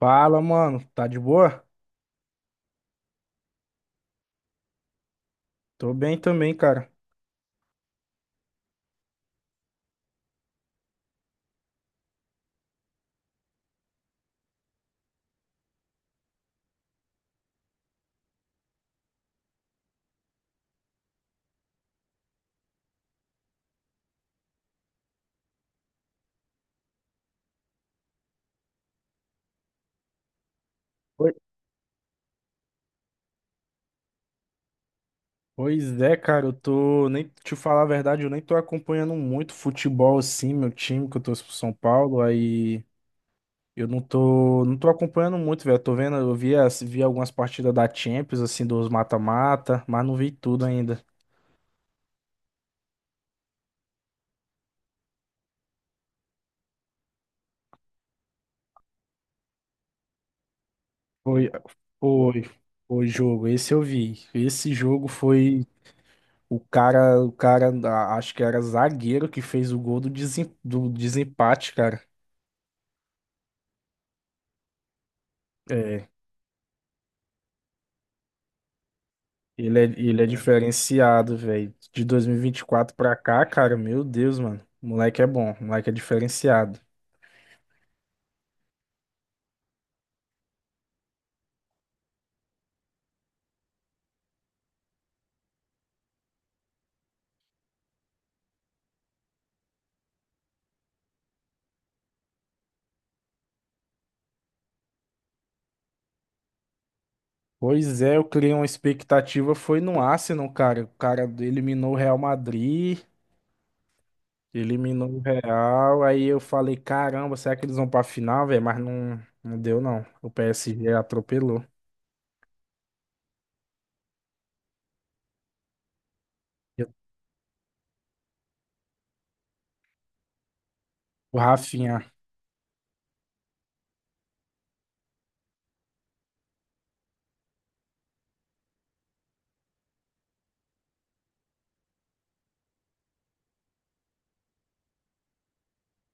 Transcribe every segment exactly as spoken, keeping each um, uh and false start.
Fala, mano. Tá de boa? Tô bem também, cara. Oi. Pois é, cara, eu tô. Nem te falar a verdade, eu nem tô acompanhando muito futebol assim, meu time, que eu torço pro São Paulo. Aí eu não tô. Não tô acompanhando muito, velho. Tô vendo, eu vi, as- vi algumas partidas da Champions, assim, dos mata-mata, mas não vi tudo ainda. Foi, foi, Foi jogo. Esse eu vi. Esse jogo foi. O cara, o cara, a- acho que era zagueiro que fez o gol do, desem, do desempate, cara. É. Ele é, ele é diferenciado, velho. De dois mil e vinte e quatro pra cá, cara, meu Deus, mano. O moleque é bom, o moleque é diferenciado. Pois é, eu criei uma expectativa, foi no Arsenal, cara. O cara eliminou o Real Madrid, eliminou o Real. Aí eu falei, caramba, será que eles vão pra final, velho? Mas não, não deu, não. O P S G atropelou. Eu- O Rafinha.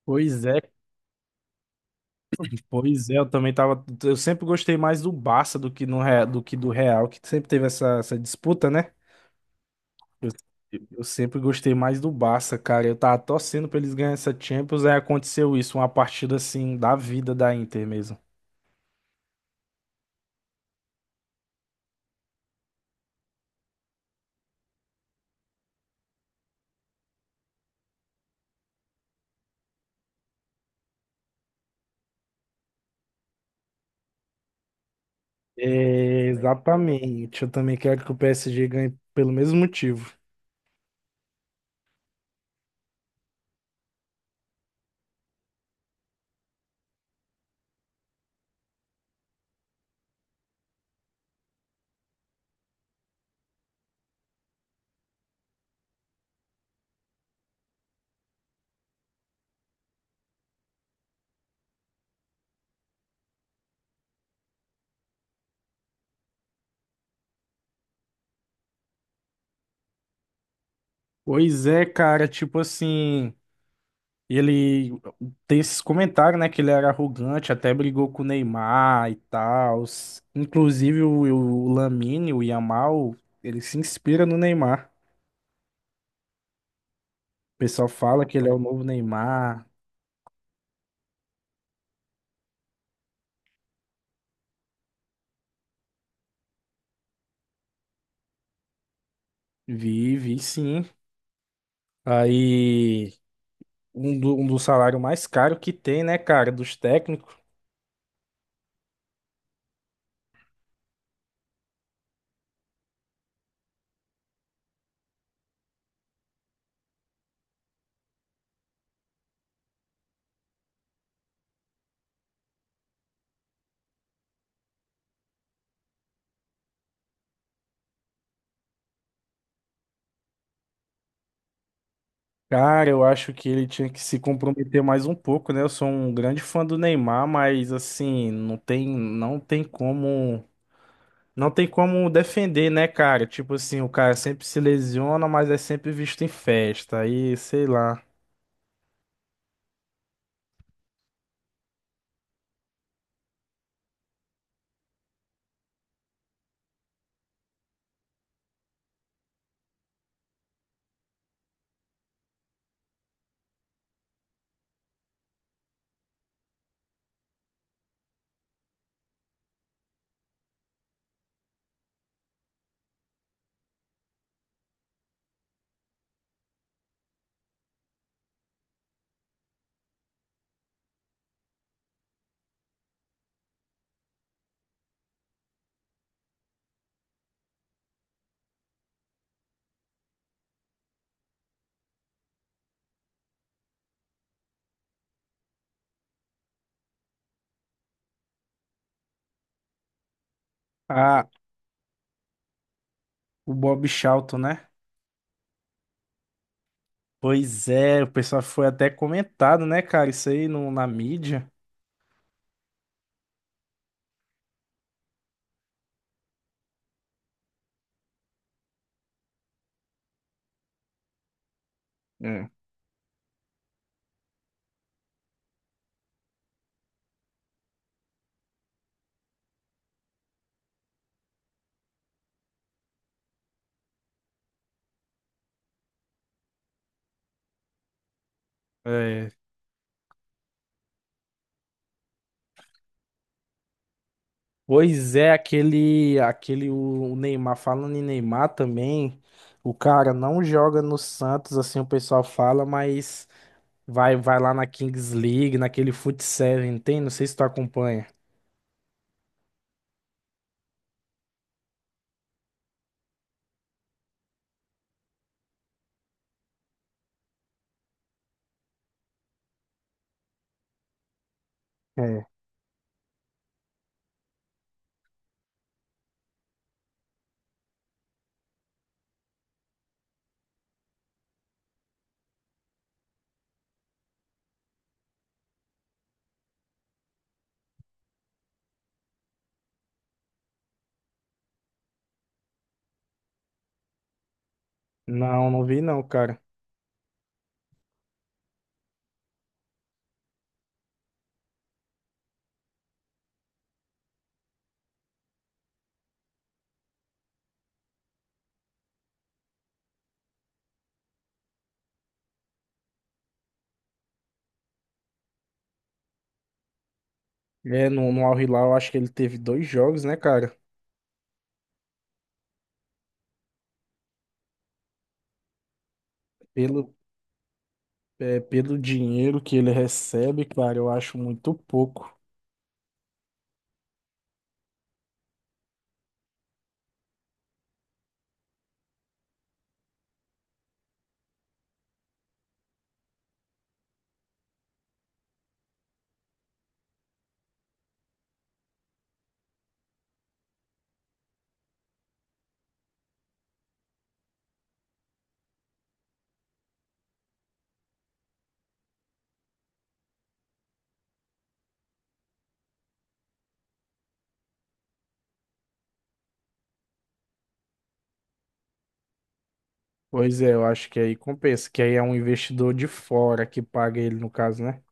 Pois é, pois é, eu também tava. Eu sempre gostei mais do Barça do que, no, Re- do que do Real, que sempre teve essa, essa disputa, né? Eu, eu sempre gostei mais do Barça, cara. Eu tava torcendo pra eles ganharem essa Champions, aí aconteceu isso, uma partida assim da vida da Inter mesmo. É, exatamente. Eu também quero que o P S G ganhe pelo mesmo motivo. Pois é, cara, tipo assim, ele tem esses comentários, né, que ele era arrogante, até brigou com o Neymar e tal. Inclusive o, o Lamine, o Yamal, ele se inspira no Neymar. O pessoal fala que ele é o novo Neymar. Vive, e sim. Aí, um do, um do salário mais caro que tem, né, cara, dos técnicos. Cara, eu acho que ele tinha que se comprometer mais um pouco, né? Eu sou um grande fã do Neymar, mas assim, não tem, não tem como, não tem como defender, né, cara? Tipo assim, o cara sempre se lesiona, mas é sempre visto em festa. Aí, sei lá. Ah, o Bob Charlton, né? Pois é, o pessoal foi até comentado, né, cara? Isso aí no, na mídia. É. Pois é, aquele, aquele o o Neymar, falando em Neymar também, o cara não joga no Santos, assim o pessoal fala, mas vai vai lá na Kings League, naquele Foot Seven, tem? Não sei se tu acompanha. É. Não, não vi não, cara. É, no, no Al Hilal, eu acho que ele teve dois jogos, né, cara? Pelo, é, pelo dinheiro que ele recebe, cara, eu acho muito pouco. Pois é, eu acho que aí compensa, que aí é um investidor de fora que paga ele, no caso, né?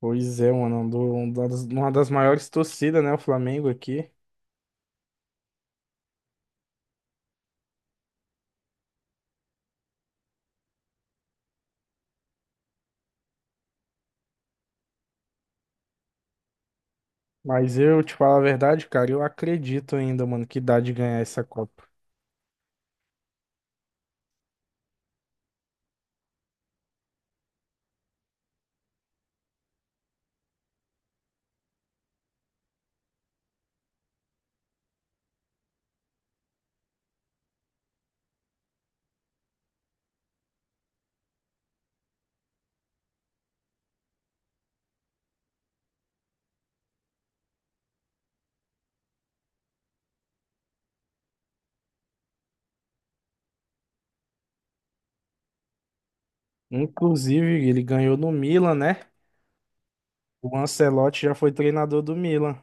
Pois é, mano, um do- um das- uma das maiores torcidas, né, o Flamengo aqui. Mas eu te falo a verdade, cara, eu acredito ainda, mano, que dá de ganhar essa Copa. Inclusive, ele ganhou no Milan, né? O Ancelotti já foi treinador do Milan.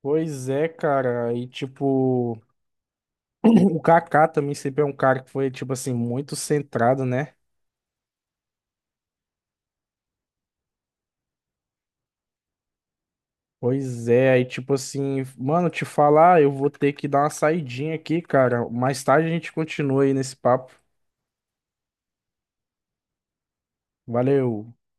Pois é, cara, e tipo, o Kaká também sempre é um cara que foi, tipo assim, muito centrado, né? Pois é, aí tipo assim, mano, te falar, eu vou ter que dar uma saidinha aqui, cara. Mais tarde a gente continua aí nesse papo. Valeu.